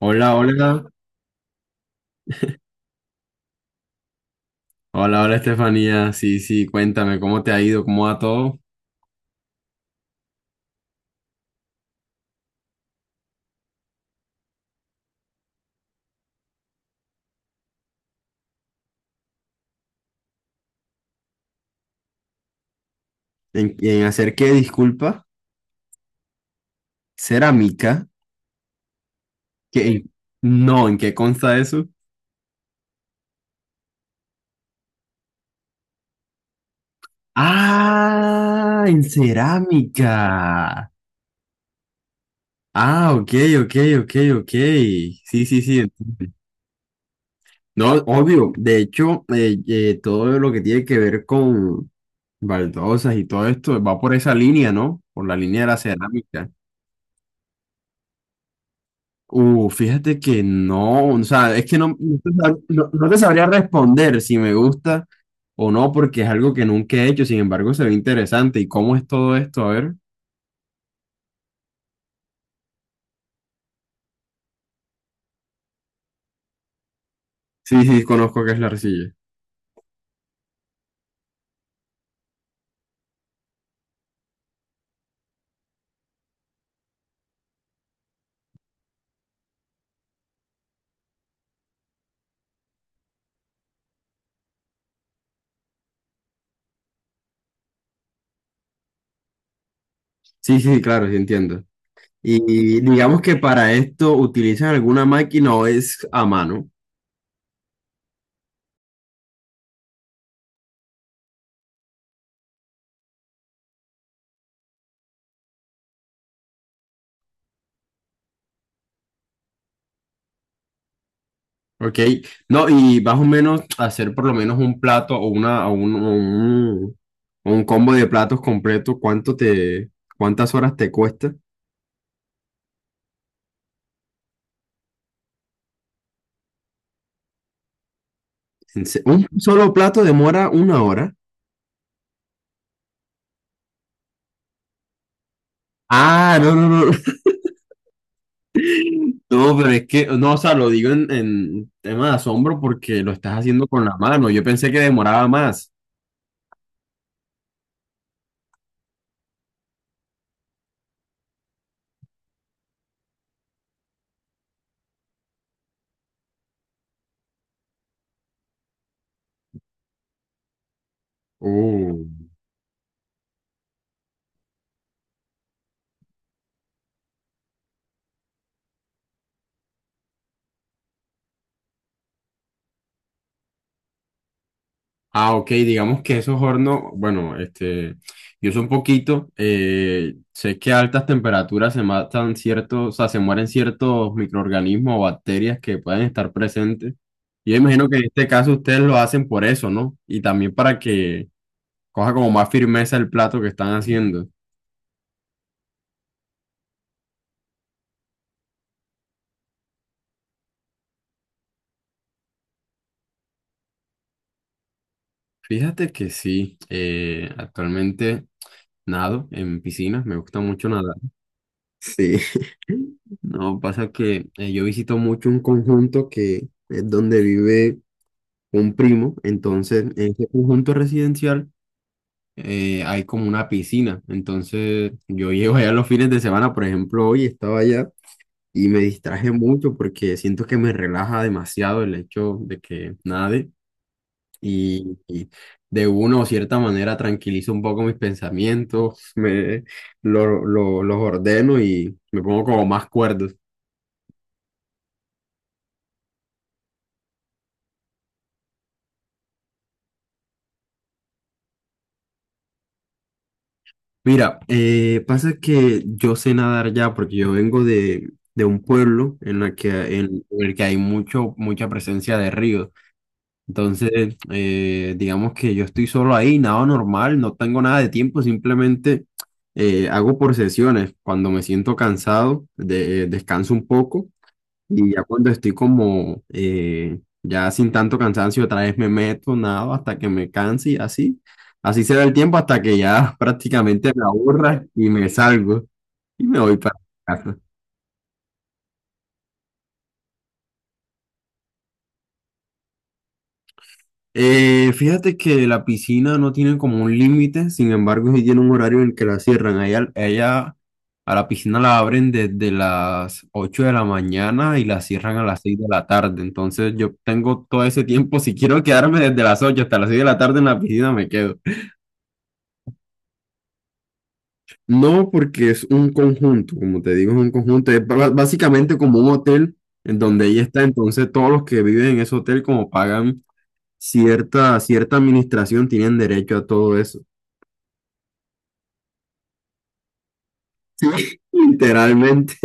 Hola, hola. Hola, hola, Estefanía. Sí, sí, cuéntame, ¿cómo te ha ido? ¿Cómo va todo? En hacer qué, disculpa? ¿Cerámica? ¿Qué, en- no, ¿en qué consta eso? Ah, en cerámica. Ah, ok, ok, ok, ok. Sí, sí, sí, entiendo. No, obvio. De hecho, todo lo que tiene que ver con baldosas y todo esto va por esa línea, ¿no? Por la línea de la cerámica. Fíjate que no, o sea, es que no, no te sabría responder si me gusta o no, porque es algo que nunca he hecho, sin embargo se ve interesante. ¿Y cómo es todo esto? A ver. Sí, sí, conozco qué es la arcilla. Sí, sí, claro, sí entiendo. Y digamos que para esto utilizan alguna máquina o es a mano, ¿ok? No, y más o menos hacer por lo menos un plato o una, o un, o un, o un combo de platos completo, ¿cuántas horas te cuesta? Un solo plato demora una hora. Ah, no, no, no. No, pero es que, no, o sea, lo digo en tema de asombro porque lo estás haciendo con la mano. Yo pensé que demoraba más. Uh. Ah, ok, digamos que esos hornos, bueno, este, yo sé un poquito, sé que a altas temperaturas se matan ciertos, o sea, se mueren ciertos microorganismos o bacterias que pueden estar presentes. Yo imagino que en este caso ustedes lo hacen por eso, ¿no? Y también para que coja como más firmeza el plato que están haciendo. Fíjate que sí, actualmente nado en piscinas, me gusta mucho nadar. Sí. No, pasa que yo visito mucho un conjunto que es donde vive un primo, entonces en ese conjunto residencial hay como una piscina, entonces yo llego allá los fines de semana, por ejemplo, hoy estaba allá y me distraje mucho porque siento que me relaja demasiado el hecho de que nade y de una o cierta manera tranquilizo un poco mis pensamientos, los ordeno y me pongo como más cuerdos. Mira, pasa que yo sé nadar ya porque yo vengo de un pueblo en el que hay mucho, mucha presencia de ríos. Entonces, digamos que yo estoy solo ahí, nado normal, no tengo nada de tiempo, simplemente hago por sesiones. Cuando me siento cansado, descanso un poco. Y ya cuando estoy como ya sin tanto cansancio, otra vez me meto, nado hasta que me canse y así. Así se da el tiempo hasta que ya prácticamente me aburra y me salgo y me voy para casa. Fíjate que la piscina no tiene como un límite, sin embargo, sí tiene un horario en el que la cierran. Ella a la piscina la abren desde las 8 de la mañana y la cierran a las 6 de la tarde. Entonces yo tengo todo ese tiempo. Si quiero quedarme desde las 8 hasta las 6 de la tarde en la piscina, me quedo. No, porque es un conjunto, como te digo, es un conjunto, es básicamente como un hotel en donde ella está, entonces todos los que viven en ese hotel como pagan cierta administración tienen derecho a todo eso. Literalmente,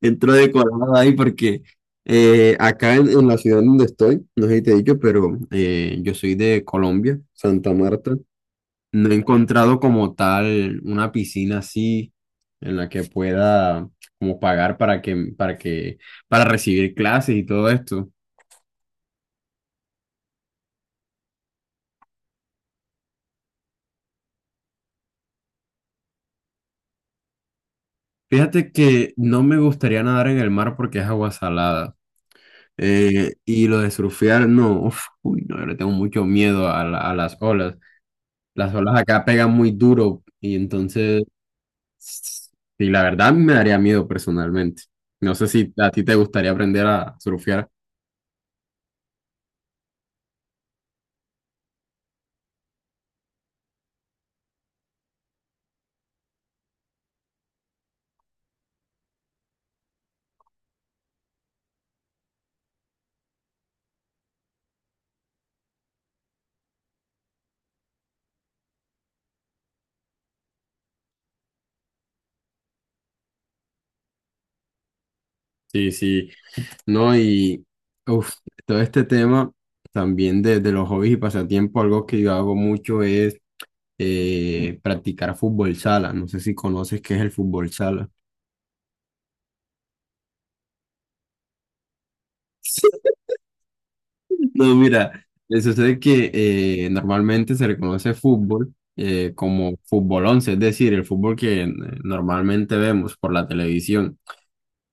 entro decorada ahí porque acá en la ciudad donde estoy, no sé si te he dicho, pero yo soy de Colombia, Santa Marta. No he encontrado como tal una piscina así en la que pueda como pagar para recibir clases y todo esto. Fíjate que no me gustaría nadar en el mar porque es agua salada. Y lo de surfear, no, uf, uy, no, yo le tengo mucho miedo a, a las olas. Las olas acá pegan muy duro y entonces, sí, la verdad a mí me daría miedo personalmente. No sé si a ti te gustaría aprender a surfear. Sí, sí. No, y uf, todo este tema también de los hobbies y pasatiempos, algo que yo hago mucho es practicar fútbol sala. No sé si conoces qué es el fútbol sala. No, mira, sucede que normalmente se reconoce fútbol como fútbol once, es decir, el fútbol que normalmente vemos por la televisión.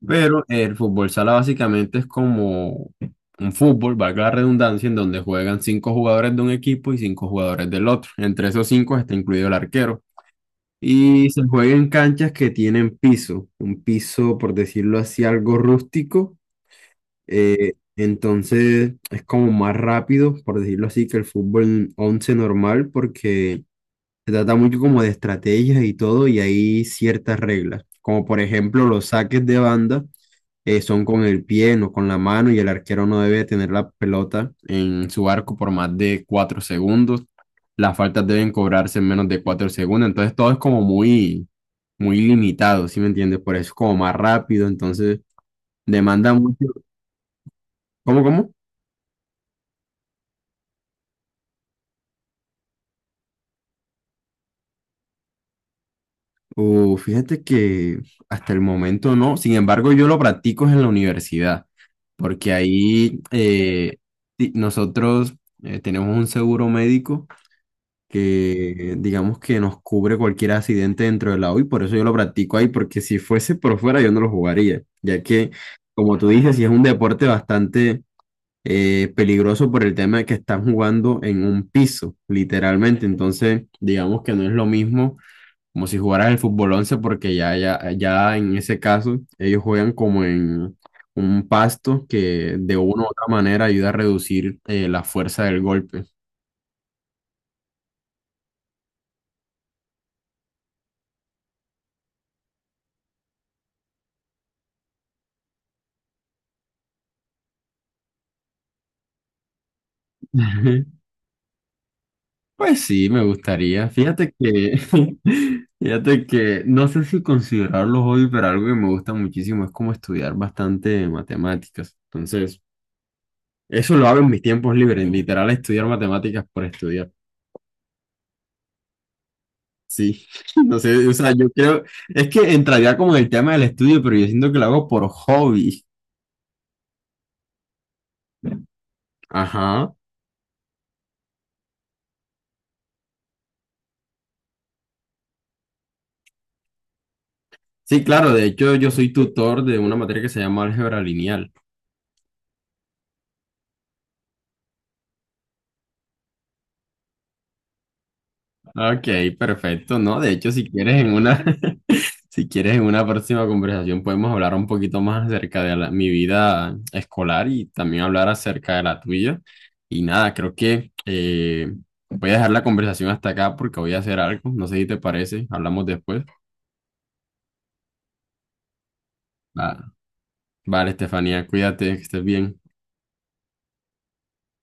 Pero el fútbol sala básicamente es como un fútbol, valga la redundancia, en donde juegan cinco jugadores de un equipo y cinco jugadores del otro. Entre esos cinco está incluido el arquero. Y se juega en canchas que tienen piso, un piso, por decirlo así, algo rústico. Entonces es como más rápido, por decirlo así, que el fútbol 11 normal, porque se trata mucho como de estrategias y todo, y hay ciertas reglas, como por ejemplo los saques de banda son con el pie, no con la mano, y el arquero no debe tener la pelota en su arco por más de cuatro segundos. Las faltas deben cobrarse en menos de cuatro segundos, entonces todo es como muy, muy limitado, ¿sí me entiendes? Por eso es como más rápido, entonces demanda mucho. ¿Cómo, cómo? Fíjate que hasta el momento no, sin embargo yo lo practico en la universidad, porque ahí nosotros tenemos un seguro médico que digamos que nos cubre cualquier accidente dentro del agua y por eso yo lo practico ahí, porque si fuese por fuera yo no lo jugaría, ya que, como tú dices, si es un deporte bastante peligroso por el tema de que están jugando en un piso, literalmente, entonces digamos que no es lo mismo como si jugaras el fútbol 11 porque ya en ese caso ellos juegan como en... un pasto que de una u otra manera ayuda a reducir la fuerza del golpe. Pues sí, me gustaría. Fíjate que, fíjate que no sé si considerarlo hobby, pero algo que me gusta muchísimo es como estudiar bastante matemáticas. Entonces, eso lo hago en mis tiempos libres, literal, estudiar matemáticas por estudiar. Sí, no sé, o sea, yo creo, es que entraría como en el tema del estudio, pero yo siento que lo hago por hobby. Ajá. Sí, claro, de hecho yo soy tutor de una materia que se llama álgebra lineal. Ok, perfecto, ¿no? De hecho, si quieres en una... Si quieres, en una próxima conversación podemos hablar un poquito más acerca de mi vida escolar y también hablar acerca de la tuya. Y nada, creo que voy a dejar la conversación hasta acá porque voy a hacer algo. No sé si te parece, hablamos después. Va- Vale, Estefanía, cuídate, que estés bien.